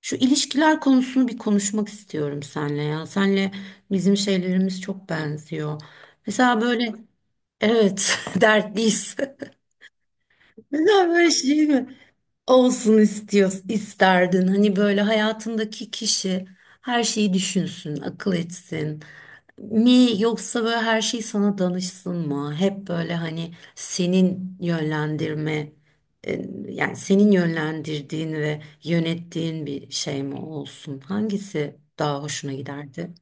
Şu ilişkiler konusunu bir konuşmak istiyorum senle ya. Senle bizim şeylerimiz çok benziyor. Mesela böyle evet dertliyiz. Mesela böyle şey mi? Olsun istiyorsun, isterdin. Hani böyle hayatındaki kişi her şeyi düşünsün, akıl etsin. Mi yoksa böyle her şey sana danışsın mı? Hep böyle hani senin yönlendirme, e, yani senin yönlendirdiğin ve yönettiğin bir şey mi olsun? Hangisi daha hoşuna giderdi?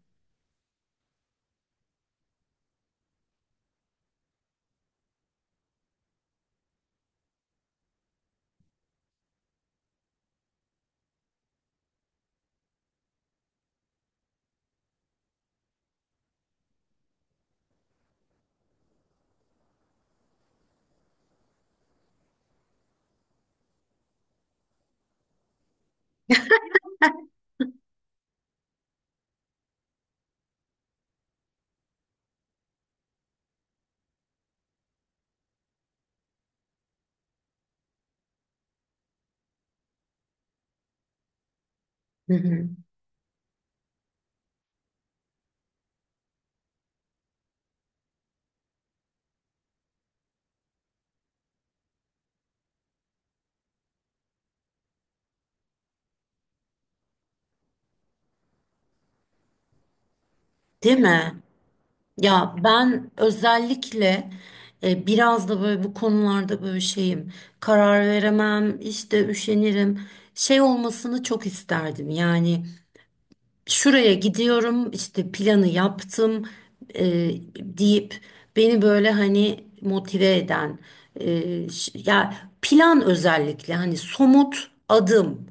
Hı hı. Değil mi? Ya ben özellikle biraz da böyle bu konularda böyle şeyim. Karar veremem, işte üşenirim. Şey olmasını çok isterdim. Yani şuraya gidiyorum, işte planı yaptım e, deyip beni böyle hani motive eden ya plan özellikle hani somut adım.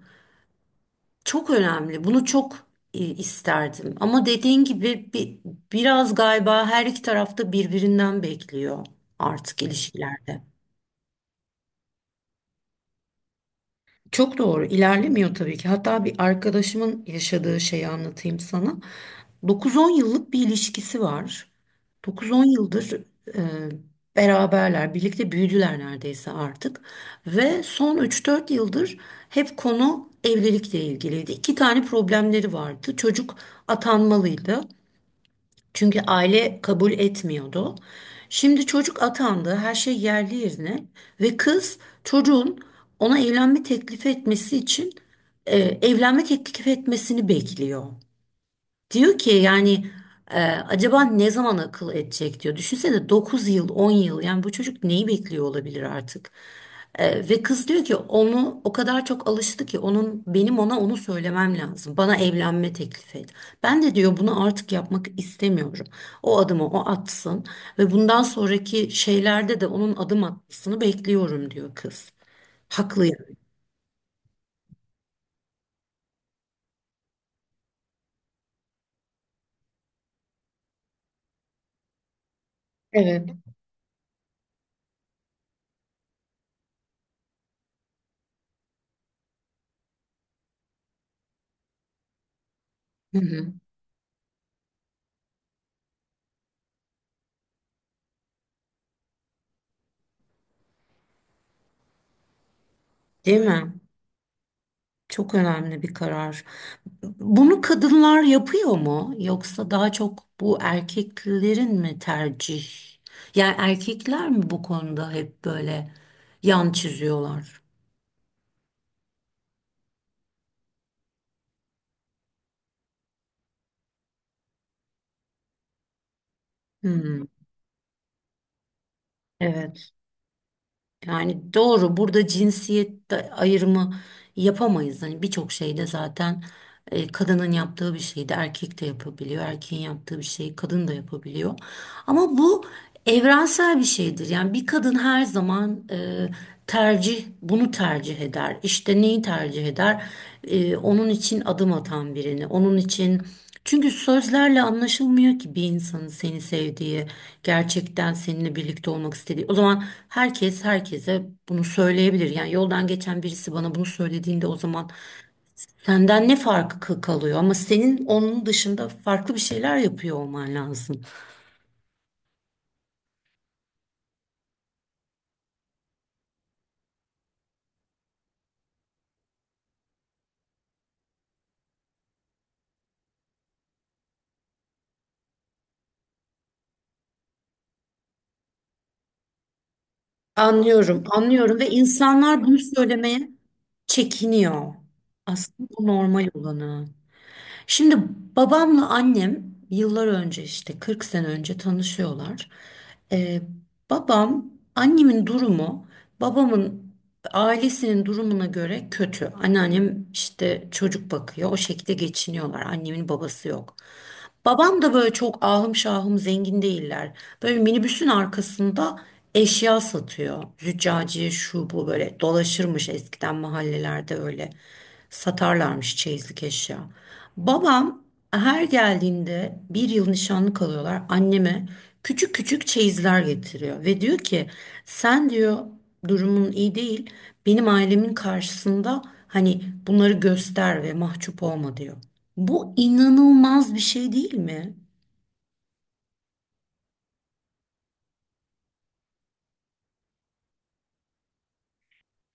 Çok önemli. Bunu çok isterdim. Ama dediğin gibi biraz galiba her iki tarafta birbirinden bekliyor artık ilişkilerde. Çok doğru ilerlemiyor tabii ki. Hatta bir arkadaşımın yaşadığı şeyi anlatayım sana. 9-10 yıllık bir ilişkisi var. 9-10 yıldır e, beraberler, birlikte büyüdüler neredeyse artık. Ve son 3-4 yıldır hep konu evlilikle ilgiliydi. İki tane problemleri vardı. Çocuk atanmalıydı. Çünkü aile kabul etmiyordu. Şimdi çocuk atandı, her şey yerli yerine ve kız çocuğun ona evlenme teklif etmesi için evlenme teklif etmesini bekliyor. Diyor ki yani acaba ne zaman akıl edecek diyor. Düşünsene 9 yıl 10 yıl yani bu çocuk neyi bekliyor olabilir artık. Ve kız diyor ki onu o kadar çok alıştı ki onun benim ona onu söylemem lazım. Bana evlenme teklif et. Ben de diyor bunu artık yapmak istemiyorum. O adımı o atsın ve bundan sonraki şeylerde de onun adım atmasını bekliyorum diyor kız. Haklı yani. Evet. Hı hı. Değil mi? Çok önemli bir karar. Bunu kadınlar yapıyor mu? Yoksa daha çok bu erkeklerin mi tercih? Yani erkekler mi bu konuda hep böyle yan çiziyorlar? Hmm, evet. Yani doğru. Burada ayrımı yapamayız. Hani birçok şeyde zaten kadının yaptığı bir şeyi de erkek de yapabiliyor. Erkeğin yaptığı bir şeyi kadın da yapabiliyor. Ama bu evrensel bir şeydir. Yani bir kadın her zaman bunu tercih eder. İşte neyi tercih eder? Onun için adım atan birini, onun için... Çünkü sözlerle anlaşılmıyor ki bir insanın seni sevdiği, gerçekten seninle birlikte olmak istediği. O zaman herkes herkese bunu söyleyebilir. Yani yoldan geçen birisi bana bunu söylediğinde o zaman senden ne farkı kalıyor? Ama senin onun dışında farklı bir şeyler yapıyor olman lazım. Anlıyorum, anlıyorum ve insanlar bunu söylemeye çekiniyor. Aslında bu normal olanı. Şimdi babamla annem yıllar önce işte 40 sene önce tanışıyorlar. Ee, Babam annemin durumu babamın ailesinin durumuna göre kötü. Anneannem işte çocuk bakıyor. O şekilde geçiniyorlar. Annemin babası yok. Babam da böyle çok ahım şahım zengin değiller. Böyle minibüsün arkasında eşya satıyor. Züccaciye şu bu böyle dolaşırmış eskiden mahallelerde öyle. Satarlarmış çeyizlik eşya. Babam her geldiğinde bir yıl nişanlı kalıyorlar. Anneme küçük küçük çeyizler getiriyor. Ve diyor ki sen diyor durumun iyi değil. Benim ailemin karşısında hani bunları göster ve mahcup olma diyor. Bu inanılmaz bir şey değil mi?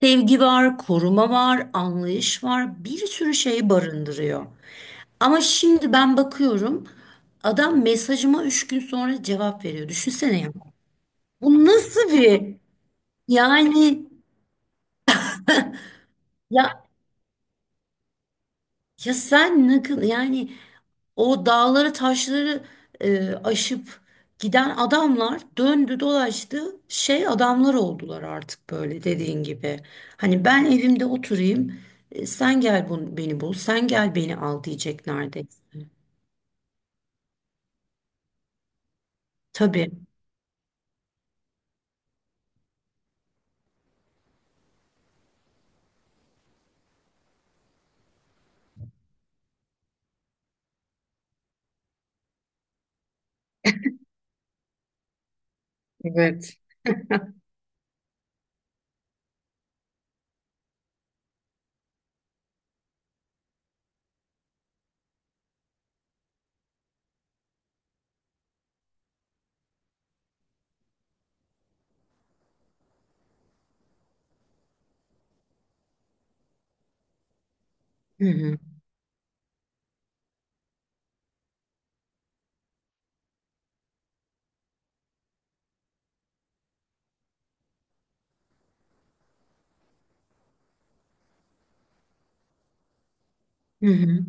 Sevgi var, koruma var, anlayış var, bir sürü şeyi barındırıyor. Ama şimdi ben bakıyorum, adam mesajıma üç gün sonra cevap veriyor. Düşünsene ya. Bu nasıl bir yani, ya, ya sen ne kı- O dağları taşları aşıp giden adamlar döndü dolaştı şey adamlar oldular artık böyle dediğin gibi. Hani ben evimde oturayım, beni bul sen gel beni al diyecek neredeyse. Tabii. Evet. Hı hı. Hı hı.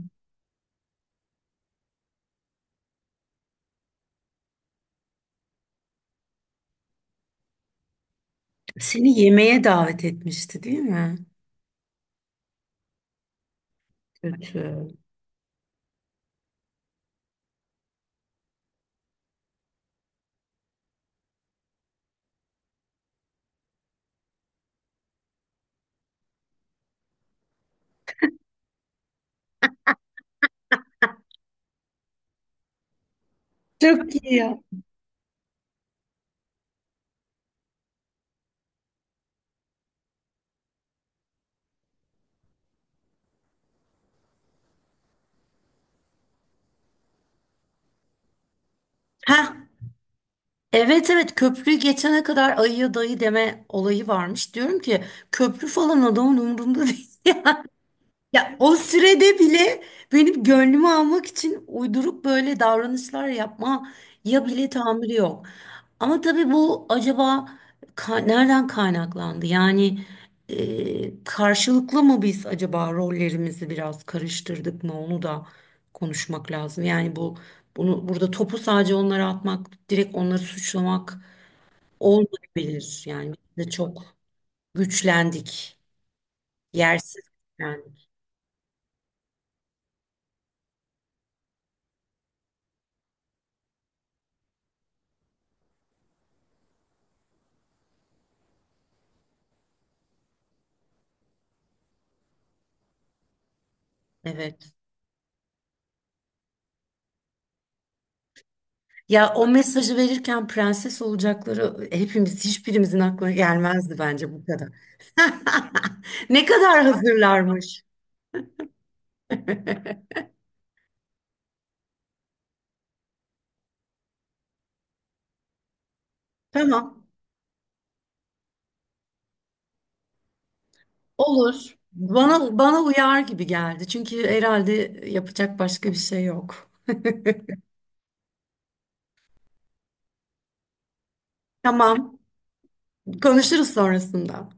Seni yemeğe davet etmişti değil mi? Kötü. Çok iyi ya. Ha evet evet, köprüyü geçene kadar ayıya dayı deme olayı varmış. Diyorum ki köprü falan adamın umurunda değil. Ya o sürede bile benim gönlümü almak için uyduruk böyle davranışlar yapma ya bile tahammülü yok. Ama tabii bu acaba nereden kaynaklandı? Yani karşılıklı mı biz acaba rollerimizi biraz karıştırdık mı? Onu da konuşmak lazım. Yani bunu burada topu sadece onlara atmak, direkt onları suçlamak olmayabilir. Yani biz de çok güçlendik, yersiz güçlendik. Evet. Ya o mesajı verirken prenses olacakları hepimiz hiçbirimizin aklına gelmezdi bence bu kadar. Ne kadar hazırlarmış. Tamam. Bana uyar gibi geldi. Çünkü herhalde yapacak başka bir şey yok. Tamam. Konuşuruz sonrasında.